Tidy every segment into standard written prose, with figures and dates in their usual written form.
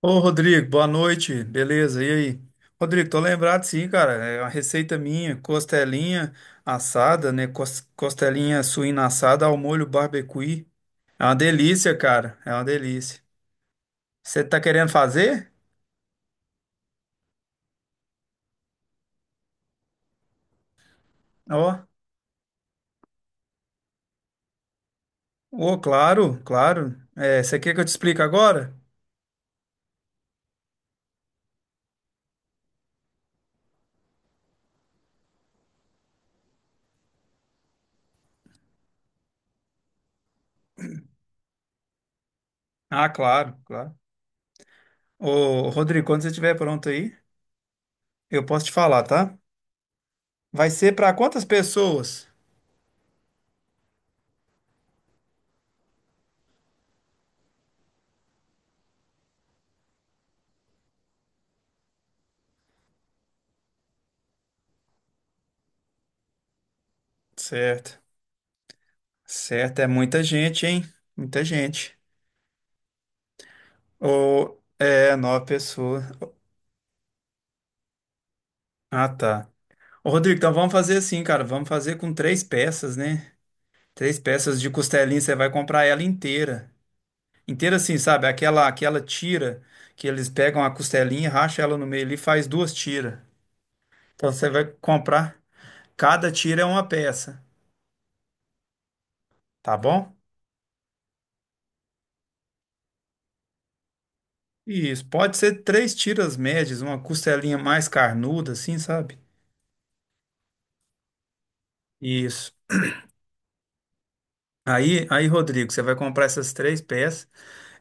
Ô, Rodrigo, boa noite, beleza? E aí? Rodrigo, tô lembrado sim, cara, é uma receita minha, costelinha assada, né? Costelinha suína assada ao molho barbecue. É uma delícia, cara, é uma delícia. Você tá querendo fazer? Ó, ô, claro, claro. É, você quer que eu te explique agora? Ah, claro, claro. Ô, Rodrigo, quando você estiver pronto aí, eu posso te falar, tá? Vai ser para quantas pessoas? Certo, certo, é muita gente, hein? Muita gente. Ou é, nova pessoa. Ah, tá. Ô, Rodrigo, então vamos fazer assim, cara. Vamos fazer com três peças, né? Três peças de costelinha, você vai comprar ela inteira. Inteira assim, sabe? Aquela tira que eles pegam a costelinha, racha ela no meio ali e faz duas tiras. Então você vai comprar, cada tira é uma peça, tá bom? Isso, pode ser três tiras médias, uma costelinha mais carnuda assim, sabe? Isso. Aí, Rodrigo, você vai comprar essas três peças.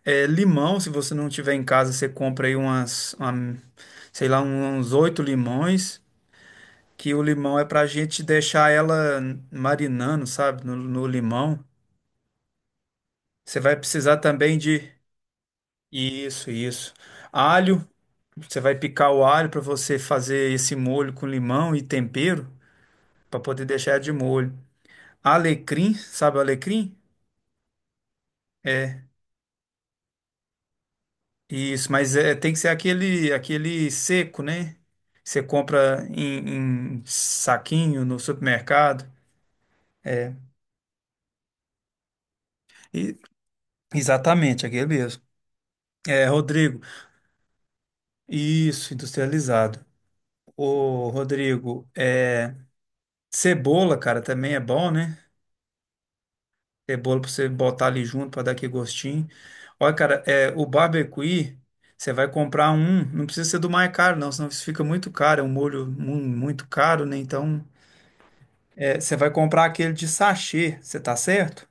É, limão, se você não tiver em casa, você compra aí umas, sei lá, uns oito limões, que o limão é pra gente deixar ela marinando, sabe, no limão. Você vai precisar também de isso, isso. Alho, você vai picar o alho para você fazer esse molho com limão e tempero, para poder deixar de molho. Alecrim, sabe o alecrim? É, isso, mas é, tem que ser aquele seco, né? Você compra em saquinho no supermercado. É, e- exatamente, aquele mesmo. É, Rodrigo, isso, industrializado. Ô, Rodrigo, é, cebola, cara, também é bom, né? Cebola pra você botar ali junto pra dar aquele gostinho. Olha, cara, é, o barbecue, você vai comprar um, não precisa ser do mais caro, não, senão isso fica muito caro, é um molho muito caro, né? Então. É, você vai comprar aquele de sachê, você tá certo?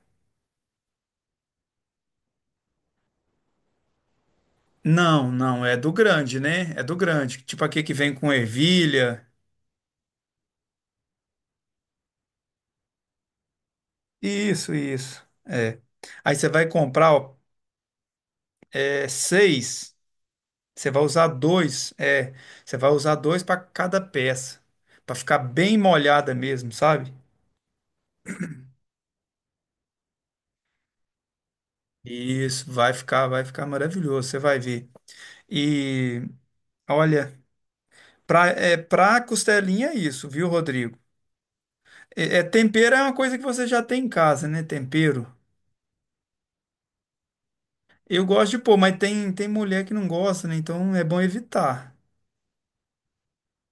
Não, não, é do grande, né? É do grande. Tipo aquele que vem com ervilha. Isso, isso. É. Aí você vai comprar, ó, é, seis. Você vai usar dois. É, você vai usar dois para cada peça. Para ficar bem molhada mesmo, sabe? Isso, vai ficar maravilhoso, você vai ver. E olha, pra costelinha é isso, viu, Rodrigo? Tempero é uma coisa que você já tem em casa, né? Tempero. Eu gosto de pôr, mas tem mulher que não gosta, né? Então é bom evitar.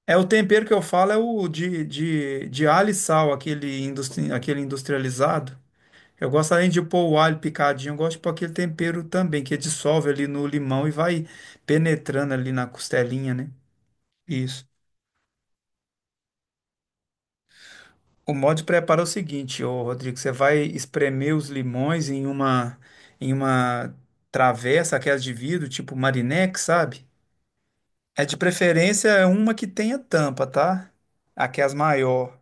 É o tempero que eu falo é o de alho e sal, aquele, aquele industrializado. Eu gosto além de pôr o alho picadinho, eu gosto de pôr aquele tempero também, que dissolve ali no limão e vai penetrando ali na costelinha, né? Isso. O modo de preparo é o seguinte, ô Rodrigo, você vai espremer os limões em uma travessa, aquelas de vidro, tipo Marinex, sabe? É de preferência é uma que tenha tampa, tá? Aqui as maior.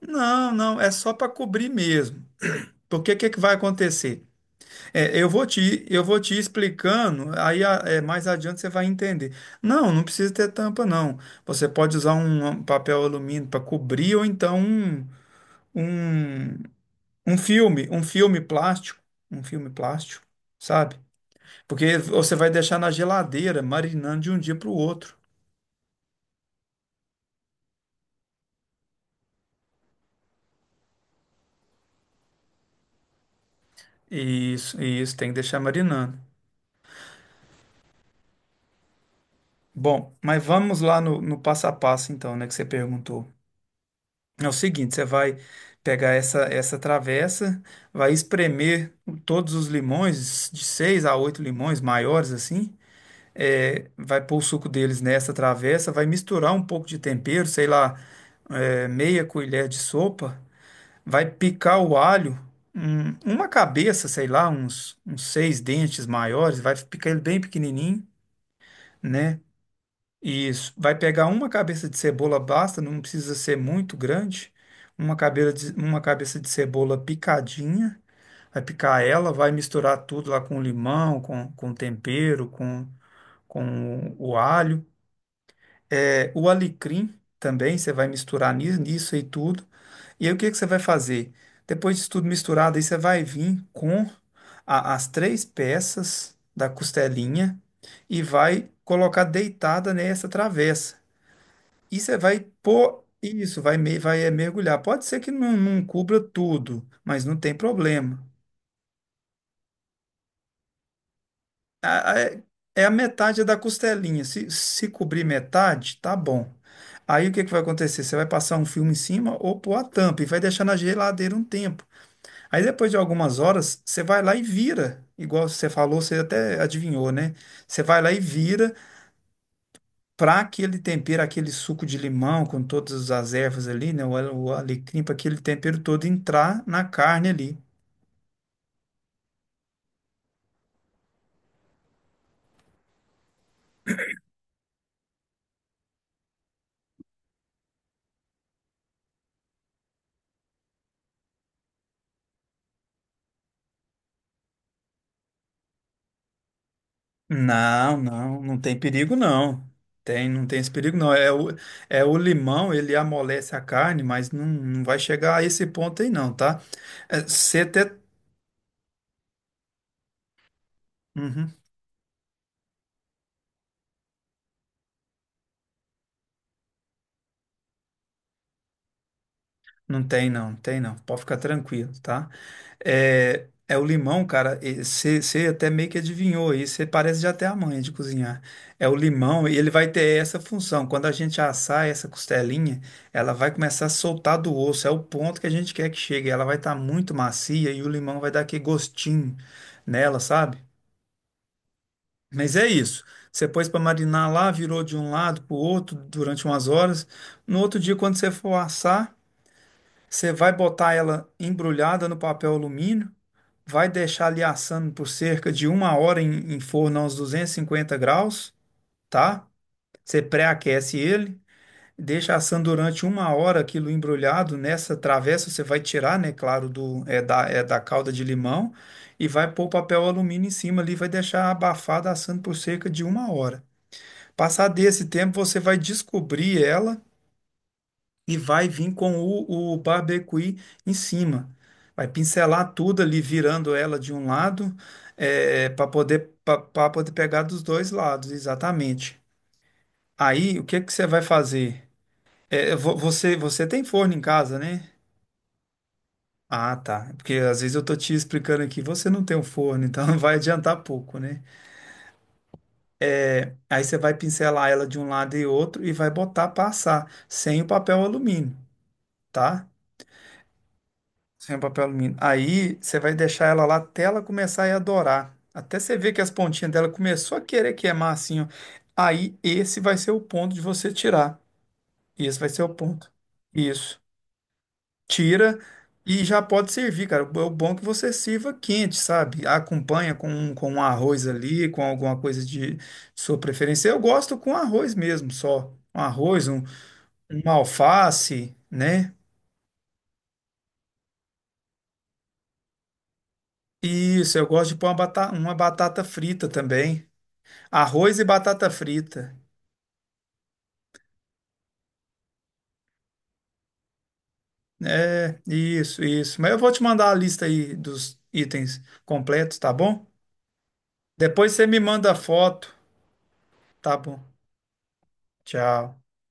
Não, não, é só para cobrir mesmo. Porque o que que vai acontecer? É, eu vou te explicando, mais adiante você vai entender. Não, não precisa ter tampa, não. Você pode usar um papel alumínio para cobrir ou então um, um filme plástico, sabe? Porque você vai deixar na geladeira, marinando de um dia para o outro. Isso, tem que deixar marinando. Bom, mas vamos lá no passo a passo, então, né, que você perguntou. É o seguinte, você vai pegar essa travessa, vai espremer todos os limões, de seis a oito limões maiores, assim, é, vai pôr o suco deles nessa travessa, vai misturar um pouco de tempero, sei lá, é, meia colher de sopa, vai picar o alho, uma cabeça, sei lá, uns seis dentes maiores, vai picar ele bem pequenininho, né? Isso. Vai pegar uma cabeça de cebola, basta, não precisa ser muito grande. Uma cabeça de cebola picadinha. Vai picar ela, vai misturar tudo lá com limão, com tempero, com o alho. É, o alecrim também, você vai misturar nisso e tudo. E aí o que que você vai fazer? Depois disso tudo misturado, aí você vai vir com as três peças da costelinha e vai colocar deitada nessa travessa. E você vai pôr isso, vai mergulhar. Pode ser que não, não cubra tudo, mas não tem problema. A- a- é a metade da costelinha. Se cobrir metade, tá bom. Aí o que que vai acontecer? Você vai passar um filme em cima ou pôr a tampa e vai deixar na geladeira um tempo. Aí depois de algumas horas, você vai lá e vira. Igual você falou, você até adivinhou, né? Você vai lá e vira, para aquele tempero, aquele suco de limão com todas as ervas ali, né? O alecrim, para aquele tempero todo entrar na carne ali. Não, não, não tem perigo não. Tem, não tem esse perigo não. é o, limão, ele amolece a carne, mas não, não vai chegar a esse ponto aí não, tá? É, você até... Uhum. Não tem não, tem não. Pode ficar tranquilo, tá? É o limão, cara. Você até meio que adivinhou aí. Você parece já ter a manha de cozinhar. É o limão e ele vai ter essa função. Quando a gente assar essa costelinha, ela vai começar a soltar do osso. É o ponto que a gente quer que chegue. Ela vai estar muito macia e o limão vai dar aquele gostinho nela, sabe? Mas é isso. Você pôs para marinar lá, virou de um lado para o outro durante umas horas. No outro dia, quando você for assar você vai botar ela embrulhada no papel alumínio, vai deixar ali assando por cerca de uma hora em forno a uns 250 graus, tá? Você pré-aquece ele, deixa assando durante uma hora aquilo embrulhado. Nessa travessa você vai tirar, né, claro, do, é da calda de limão e vai pôr o papel alumínio em cima ali, vai deixar abafada assando por cerca de uma hora. Passar desse tempo, você vai descobrir ela e vai vir com o barbecue em cima. Vai pincelar tudo ali, virando ela de um lado, para poder pegar dos dois lados, exatamente. Aí, o que que você vai fazer? É, você tem forno em casa, né? Ah, tá. Porque às vezes eu tô te explicando aqui, você não tem um forno, então vai adiantar pouco, né? Aí você vai pincelar ela de um lado e outro e vai botar passar sem o papel alumínio, tá? Sem papel alumínio. Aí você vai deixar ela lá até ela começar a adorar. Até você ver que as pontinhas dela começou a querer queimar assim, ó. Aí esse vai ser o ponto de você tirar. Esse vai ser o ponto. Isso. Tira e já pode servir, cara. O bom é que você sirva quente, sabe? Acompanha com um arroz ali, com alguma coisa de sua preferência. Eu gosto com arroz mesmo, só. Um arroz, uma alface, né? Isso, eu gosto de pôr uma batata frita também. Arroz e batata frita. É, isso, isso. Mas eu vou te mandar a lista aí dos itens completos, tá bom? Depois você me manda a foto, tá bom? Tchau.